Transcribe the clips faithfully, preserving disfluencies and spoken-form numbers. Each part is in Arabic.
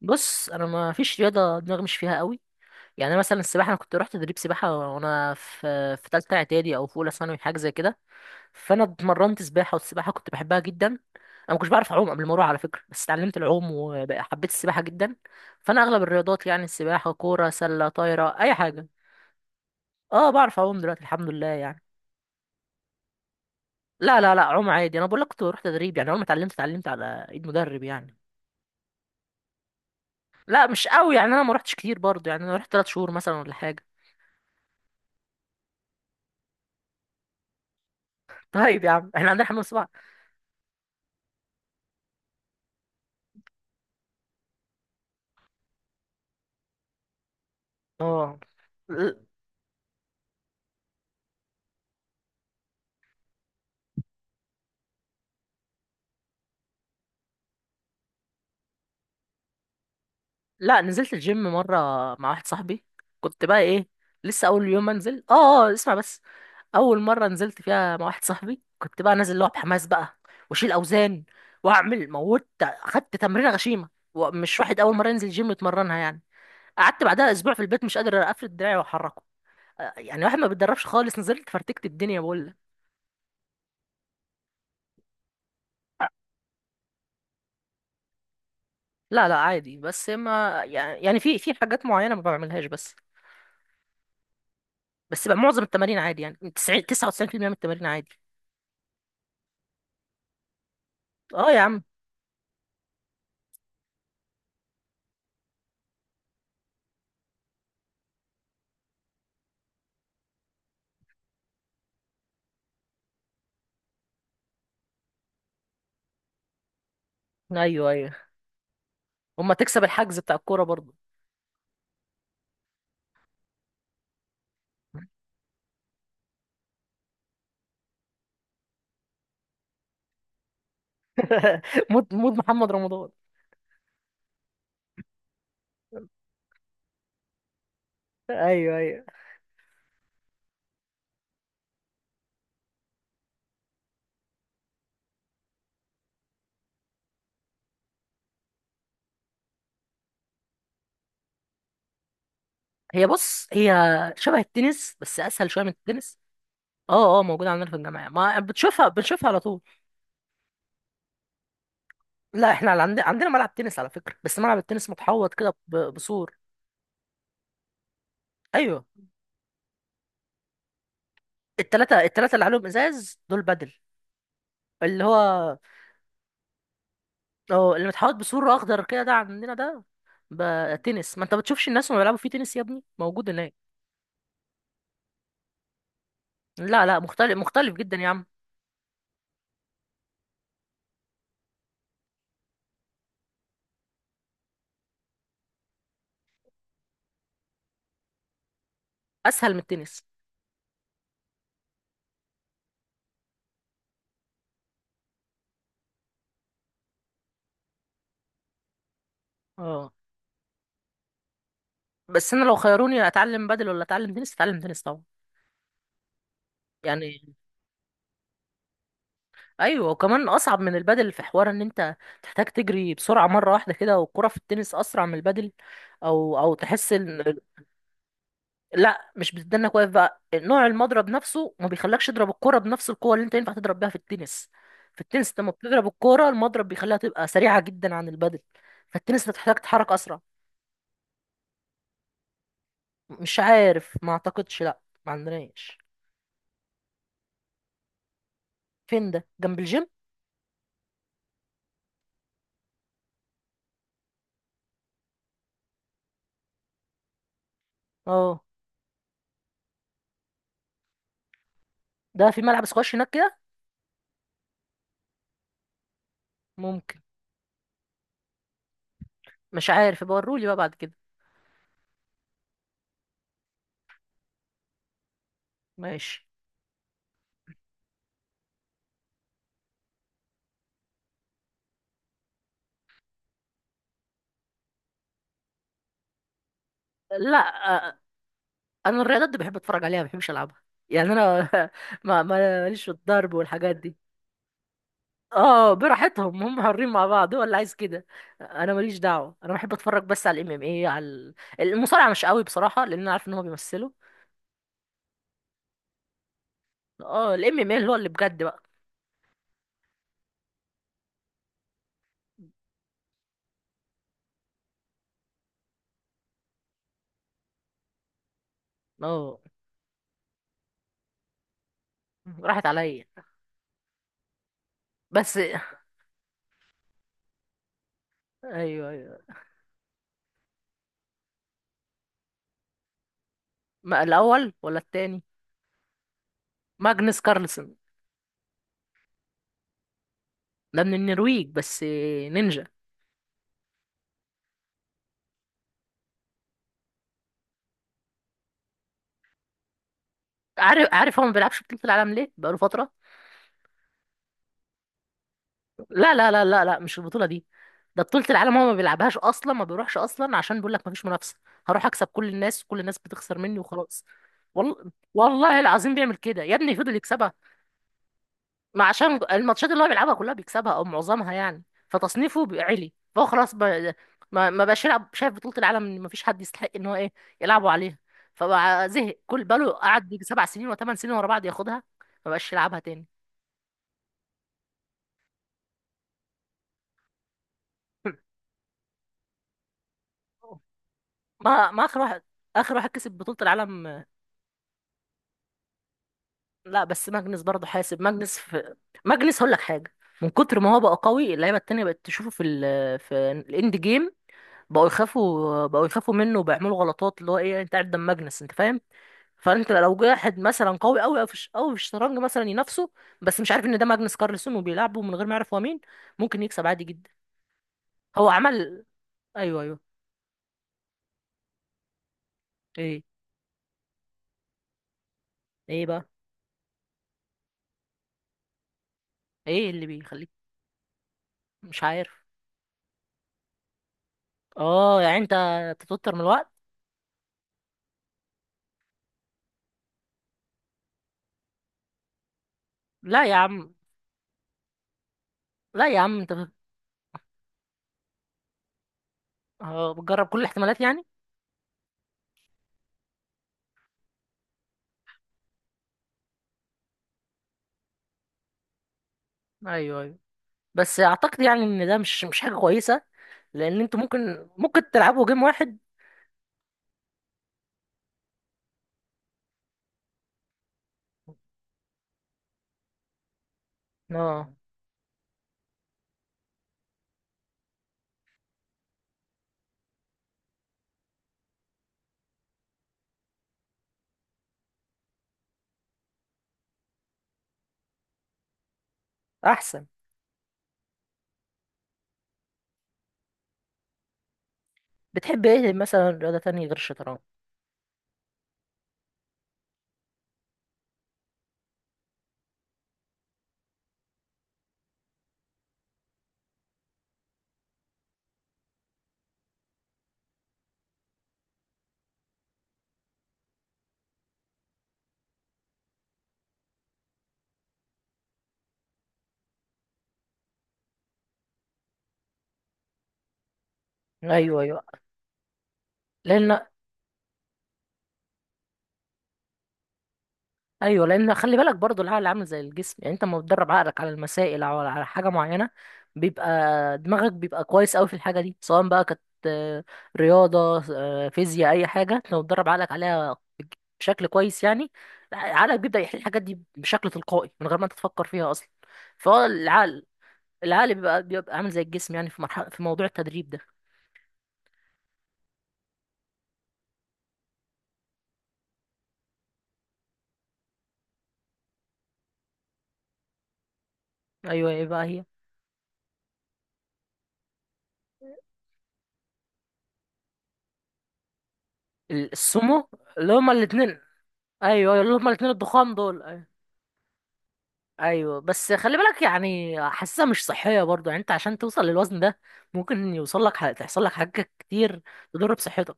بص، انا ما فيش رياضه دماغي مش فيها قوي. يعني أنا مثلا السباحه، انا كنت رحت تدريب سباحه وانا في في ثالثه اعدادي او في اولى ثانوي حاجه زي كده. فانا اتمرنت سباحه، والسباحه كنت بحبها جدا. انا ما كنتش بعرف اعوم قبل ما اروح على فكره، بس اتعلمت العوم وحبيت السباحه جدا. فانا اغلب الرياضات يعني السباحه، كوره سله، طايره، اي حاجه. اه، بعرف اعوم دلوقتي الحمد لله يعني. لا لا لا، اعوم عادي. انا بقول لك كنت بروح تدريب يعني، اول ما اتعلمت اتعلمت على ايد مدرب يعني. لا مش قوي يعني، انا ما رحتش كتير برضه، يعني انا رحت 3 شهور مثلا ولا حاجه. طيب يا عم احنا عندنا حمام سباحه. اه ل- لا، نزلت الجيم مرة مع واحد صاحبي، كنت بقى ايه، لسه اول يوم انزل. اه اه اسمع بس. اول مرة نزلت فيها مع واحد صاحبي كنت بقى نازل اللي هو بحماس بقى، واشيل اوزان واعمل موت. خدت تمرينة غشيمة، ومش واحد اول مرة ينزل جيم يتمرنها يعني. قعدت بعدها اسبوع في البيت مش قادر اقفل دراعي واحركه. آه، يعني واحد ما بيتدربش خالص نزلت فرتكت الدنيا بقول لك. لا لا عادي، بس ما يعني يعني في في حاجات معينة ما بعملهاش. بس بس بقى معظم التمارين عادي، يعني تسعين تسعه وتسعين بالمية من التمارين عادي. اه يا عم. ايوه ايوه، اما تكسب الحجز بتاع الكوره برضه. مود مود محمد رمضان. ايوه ايوه، هي بص هي شبه التنس بس اسهل شويه من التنس. اه اه، موجوده عندنا في الجامعه، ما بتشوفها بنشوفها على طول. لا، احنا عندنا عندنا ملعب تنس على فكره، بس ملعب التنس متحوط كده ب- بسور. ايوه، التلاته التلاته اللي عليهم ازاز دول بدل. اللي هو اه اللي متحوط بسور اخضر كده ده عندنا، ده بقى تنس، ما انت بتشوفش الناس وهم بيلعبوا فيه تنس يا ابني، موجود هناك. لا لا، مختلف مختلف جدا يا عم. اسهل من التنس. اه، بس انا لو خيروني اتعلم بدل ولا اتعلم تنس، اتعلم تنس طبعا يعني. ايوه، وكمان اصعب من البدل في حوار ان انت تحتاج تجري بسرعه مره واحده كده، والكره في التنس اسرع من البدل. او او تحس ان. لا مش بتدنك واقف بقى، نوع المضرب نفسه ما بيخلكش تضرب الكرة بنفس القوة اللي انت ينفع تضرب بيها في التنس. في التنس انت لما بتضرب الكرة المضرب بيخليها تبقى سريعة جدا عن البدل. فالتنس هتحتاج تتحرك أسرع. مش عارف، ما أعتقدش، لا. ما عندناش. فين ده، جنب الجيم؟ اه، ده في ملعب سكواش هناك كده. ممكن، مش عارف، يبقى ورولي بقى بعد كده. ماشي. لا. آه، انا الرياضات دي بحب اتفرج عليها ما بحبش العبها يعني انا. ما ما- ماليش في الضرب والحاجات دي. اه، براحتهم هم حرين مع بعض، هو اللي عايز كده. انا ماليش دعوه، انا بحب اتفرج بس على الام ام اي، على ال- المصارعه مش قوي بصراحه، لان انا عارف ان هو بيمثلوا. اه، الام ام اي اللي هو اللي بجد بقى. اه، راحت عليا بس. ايوه ايوه، ما الاول ولا التاني؟ ماجنس كارلسن. ده من النرويج، بس نينجا. عارف عارف هو ما بيلعبش بطولة العالم ليه بقاله فترة. لا لا لا لا لا، مش البطولة دي. ده بطولة العالم هو ما بيلعبهاش أصلا، ما بيروحش أصلا، عشان بيقول لك مفيش منافسة. هروح أكسب كل الناس، كل الناس بتخسر مني وخلاص. والله والله العظيم بيعمل كده يا ابني، فضل يكسبها. ما عشان الماتشات اللي هو بيلعبها كلها بيكسبها أو معظمها يعني، فتصنيفه بي- عالي، فهو خلاص. ما ما ما بقاش يلعب، شايف بطولة العالم إن مفيش حد يستحق إن هو إيه يلعبوا عليها. فبقى زهق، كل بقاله قعد يجي سبع سنين وثمان سنين ورا بعض ياخدها. ما بقاش يلعبها تاني. ما ما آخر واحد آخر واحد كسب بطولة العالم. لا بس ماجنس برضه، حاسب ماجنس في. ماجنس هقول لك حاجه، من كتر ما هو بقى قوي اللعيبه التانية بقت تشوفه في ال في الاند جيم، بقوا يخافوا بقوا يخافوا منه، وبيعملوا غلطات اللي هو ايه، انت قاعد قدام ماجنس انت فاهم. فانت لو جه واحد مثلا قوي قوي او في الش- أوي في الشطرنج مثلا ينافسه، بس مش عارف ان ده ماجنس كارلسون وبيلعبه من غير ما يعرف هو مين، ممكن يكسب عادي جدا. هو عمل. ايوه ايوه. ايه ايه بقى ايه اللي بيخليك. مش عارف. اه يعني انت بتتوتر من الوقت. لا يا عم، لا يا عم انت. اه، بتجرب كل الاحتمالات يعني. ايوه ايوه، بس اعتقد يعني ان ده مش مش حاجه كويسه، لان انتوا ممكن ممكن تلعبوا جيم واحد. اه، احسن. بتحب ايه مثلا رياضه تانية غير الشطرنج؟ ايوه ايوه، لان. ايوه، لان خلي بالك برضو العقل عامل زي الجسم. يعني انت لما بتدرب عقلك على المسائل او على حاجه معينه، بيبقى دماغك بيبقى كويس قوي في الحاجه دي، سواء بقى كانت آه، رياضه، آه، فيزياء، اي حاجه. أنت لو بتدرب عقلك عليها بشكل كويس يعني، عقلك بيبدا يحل الحاجات دي بشكل تلقائي من غير ما انت تفكر فيها اصلا. فهو العقل العقل بيبقى بيبقى عامل زي الجسم، يعني في مرحله في موضوع التدريب ده. ايوه. ايه بقى هي؟ السمو. اللي هما الاثنين. ايوه، اللي هما الاثنين الضخام دول، أيوة. ايوه، بس خلي بالك يعني حاسسها مش صحيه برضو، يعني انت عشان توصل للوزن ده ممكن يوصل لك، ح- تحصل لك حاجات كتير تضر بصحتك.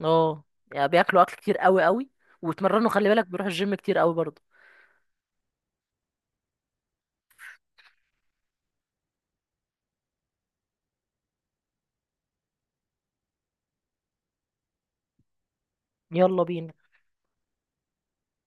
اه، يعني بياكلوا اكل كتير قوي قوي، ويتمرنوا خلي بالك، بيروحوا الجيم كتير قوي برضو. يلا بينا.